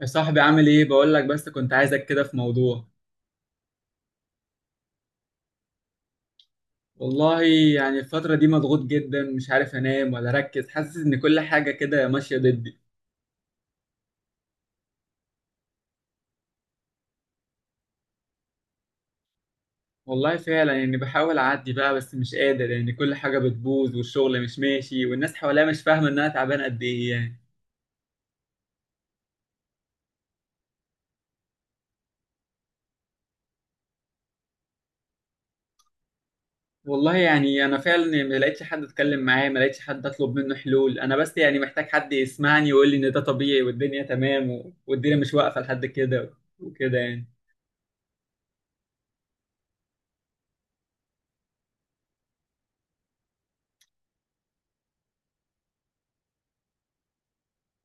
يا صاحبي، عامل ايه؟ بقول لك بس كنت عايزك كده في موضوع. والله يعني الفترة دي مضغوط جدا، مش عارف انام ولا اركز، حاسس ان كل حاجة كده ماشية ضدي. والله فعلا، يعني بحاول اعدي بقى بس مش قادر، يعني كل حاجة بتبوظ والشغل مش ماشي والناس حواليا مش فاهمة ان انا تعبان قد ايه يعني. والله يعني انا فعلا يعني ما لقيتش حد اتكلم معاه، ما لقيتش حد اطلب منه حلول، انا بس يعني محتاج حد يسمعني ويقول لي ان ده طبيعي والدنيا تمام والدنيا مش واقفة لحد كده، وكده يعني.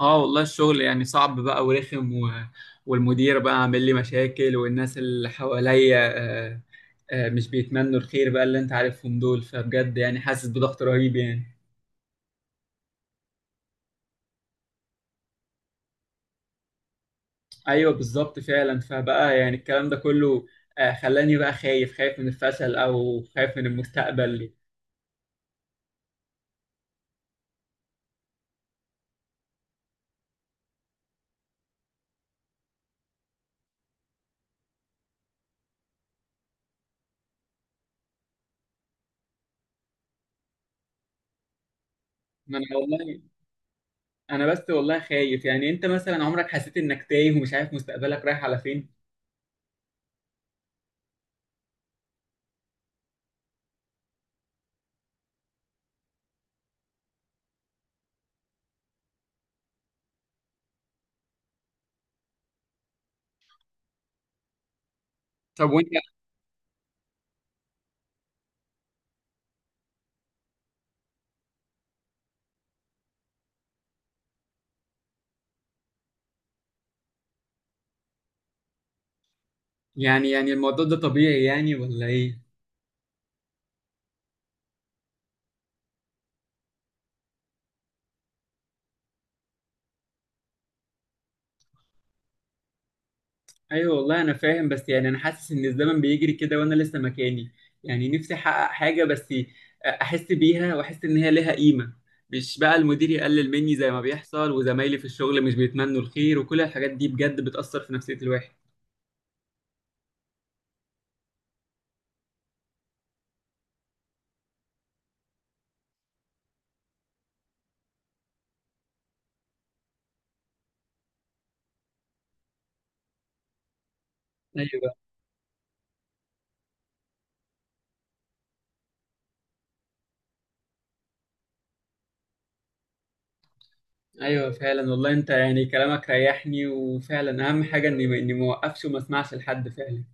اه والله الشغل يعني صعب بقى ورخم. والمدير بقى عامل لي مشاكل، والناس اللي حواليا آه، مش بيتمنوا الخير بقى، اللي انت عارفهم دول، فبجد يعني حاسس بضغط رهيب يعني. ايوه بالظبط فعلا، فبقى يعني الكلام ده كله خلاني بقى خايف، خايف من الفشل او خايف من المستقبل. ما انا والله انا بس والله خايف، يعني انت مثلا عمرك حسيت انك تايه ومش عارف مستقبلك رايح على فين؟ طب وانت، يعني يعني الموضوع ده طبيعي يعني ولا ايه؟ ايوه والله انا فاهم، بس يعني انا حاسس ان الزمن بيجري كده وانا لسه مكاني، يعني نفسي احقق حاجه بس احس بيها واحس ان هي لها قيمه، مش بقى المدير يقلل مني زي ما بيحصل، وزمايلي في الشغل مش بيتمنوا الخير، وكل الحاجات دي بجد بتأثر في نفسية الواحد. ايوه، ايوه فعلا والله، انت يعني كلامك ريحني، وفعلا اهم حاجه اني ما اوقفش وما اسمعش لحد فعلا.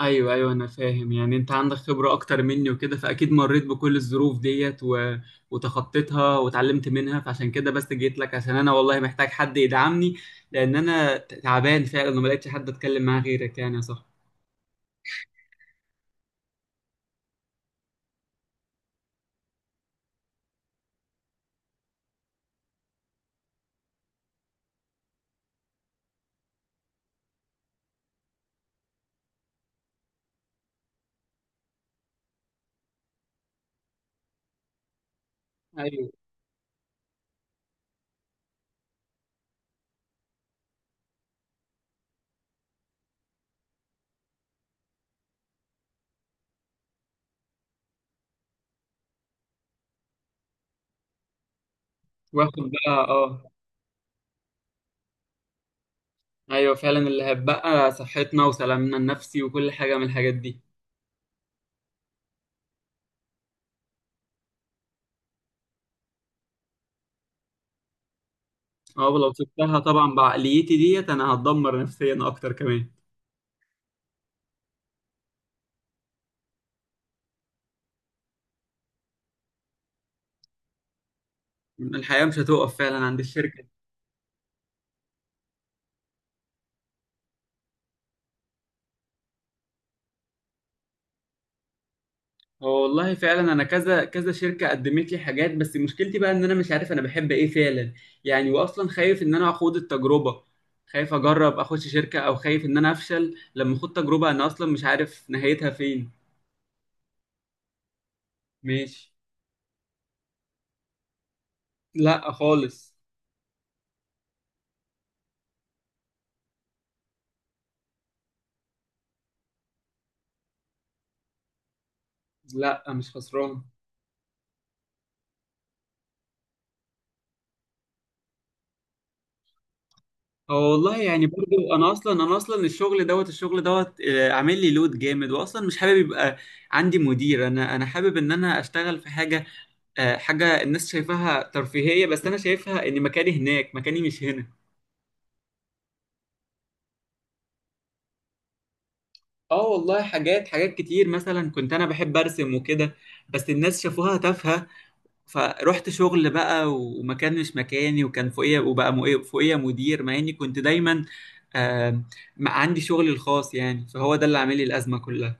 ايوه، ايوه انا فاهم، يعني انت عندك خبرة اكتر مني وكده، فاكيد مريت بكل الظروف ديت, وتخطيتها واتعلمت منها، فعشان كده بس جيت لك، عشان انا والله محتاج حد يدعمني، لان انا تعبان فعلا وما لقيتش حد اتكلم معاه غيرك يعني يا صاحبي. ايوه، واخد بقى اه. ايوه فعلا، اللي هتبقى صحتنا وسلامنا النفسي وكل حاجة من الحاجات دي. اه، ولو سبتها طبعا بعقليتي ديت انا هتدمر نفسيا اكتر كمان. الحياة مش هتوقف فعلا عند الشركة. هو والله فعلا انا كذا كذا شركه قدمت لي حاجات، بس مشكلتي بقى ان انا مش عارف انا بحب ايه فعلا، يعني واصلا خايف ان انا اخوض التجربه، خايف اجرب اخش شركه، او خايف ان انا افشل لما اخوض تجربه انا اصلا مش عارف نهايتها فين. ماشي. لا خالص. لا مش خسران. هو والله يعني برضو انا اصلا الشغل دوت، الشغل دوت، عامل لي لود جامد، واصلا مش حابب يبقى عندي مدير، انا حابب ان انا اشتغل في حاجه حاجة الناس شايفاها ترفيهية، بس أنا شايفها إن مكاني هناك، مكاني مش هنا. آه والله، حاجات، حاجات كتير مثلا، كنت أنا بحب أرسم وكده بس الناس شافوها تافهة، فروحت شغل بقى ومكان مش مكاني، وكان فوقيا، فوقيا مدير، مع إني كنت دايما آه ما عندي شغلي الخاص، يعني فهو ده اللي عامل لي الأزمة كلها.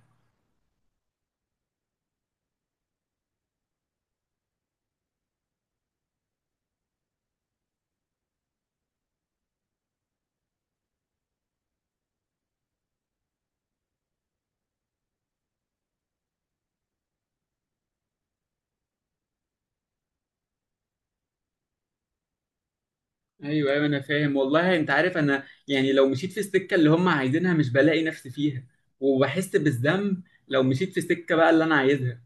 ايوه، ايوه انا فاهم والله، انت عارف انا يعني لو مشيت في السكه اللي هم عايزينها مش بلاقي نفسي فيها، وبحس بالذنب. لو مشيت في السكه بقى اللي انا عايزها.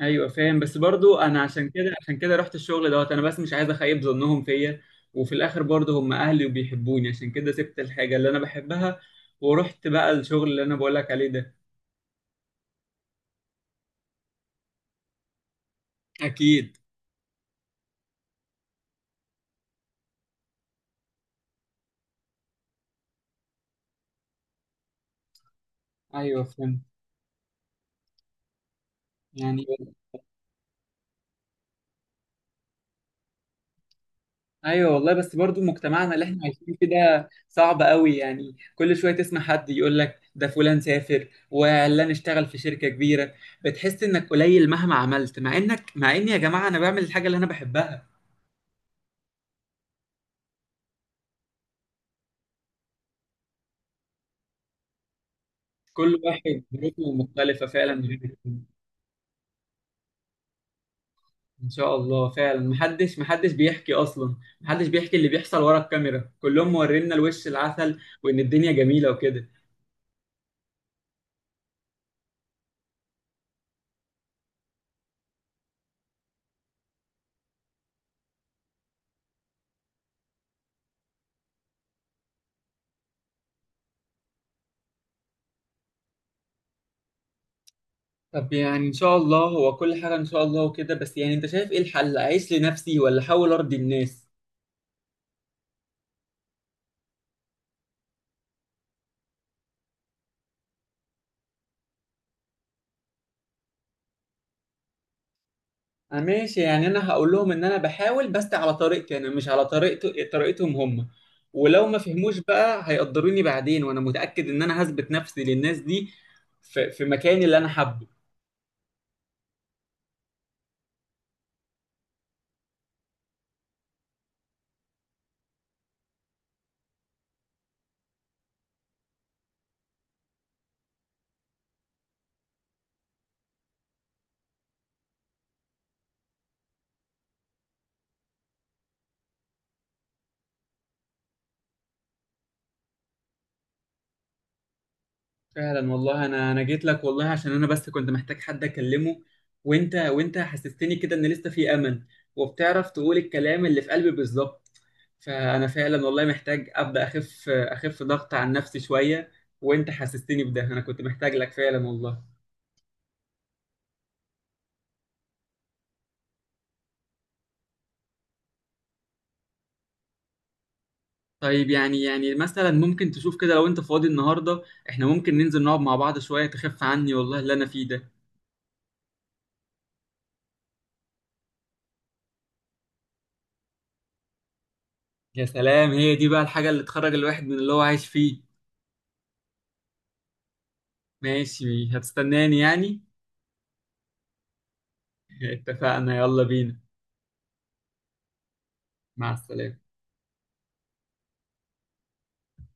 ايوه فاهم، بس برضو انا عشان كده، عشان كده رحت الشغل دوت، انا بس مش عايز اخيب ظنهم فيا، وفي الاخر برضو هم اهلي وبيحبوني، عشان كده سبت الحاجه اللي انا بحبها ورحت بقى الشغل اللي انا بقولك عليه ده. اكيد. ايوه فهمت يعني. ايوه والله، بس برضو مجتمعنا اللي احنا عايشين فيه ده صعب قوي، يعني كل شويه تسمع حد يقول لك ده فلان سافر وعلان اشتغل في شركه كبيره، بتحس انك قليل مهما عملت، مع انك، مع ان يا جماعه انا بعمل الحاجه اللي انا بحبها. كل واحد ظروفه مختلفة فعلا غير التاني. إن شاء الله فعلا، محدش، محدش بيحكي أصلا، محدش بيحكي اللي بيحصل ورا الكاميرا، كلهم مورينا الوش العسل وإن الدنيا جميلة وكده. طب يعني إن شاء الله، هو كل حاجة إن شاء الله وكده، بس يعني أنت شايف إيه الحل، أعيش لنفسي ولا أحاول أرضي الناس؟ أنا ماشي، يعني أنا هقول لهم إن أنا بحاول، بس على طريقتي أنا، مش على طريقتهم هم، ولو ما فهموش بقى هيقدروني بعدين، وأنا متأكد إن أنا هثبت نفسي للناس دي في مكاني اللي أنا حابه. فعلا والله، انا جيت لك والله، عشان انا بس كنت محتاج حد اكلمه، وانت حسستني كده ان لسه في امل، وبتعرف تقول الكلام اللي في قلبي بالظبط، فانا فعلا والله محتاج ابدا اخف، اخف ضغط عن نفسي شويه، وانت حسستني بده، انا كنت محتاج لك فعلا والله. طيب يعني، يعني مثلا ممكن تشوف كده لو انت فاضي النهارده، احنا ممكن ننزل نقعد مع بعض شويه تخف عني والله اللي انا فيه ده. يا سلام، هي دي بقى الحاجه اللي تخرج الواحد من اللي هو عايش فيه. ماشي، هتستناني يعني؟ اتفقنا، يلا بينا. مع السلامة.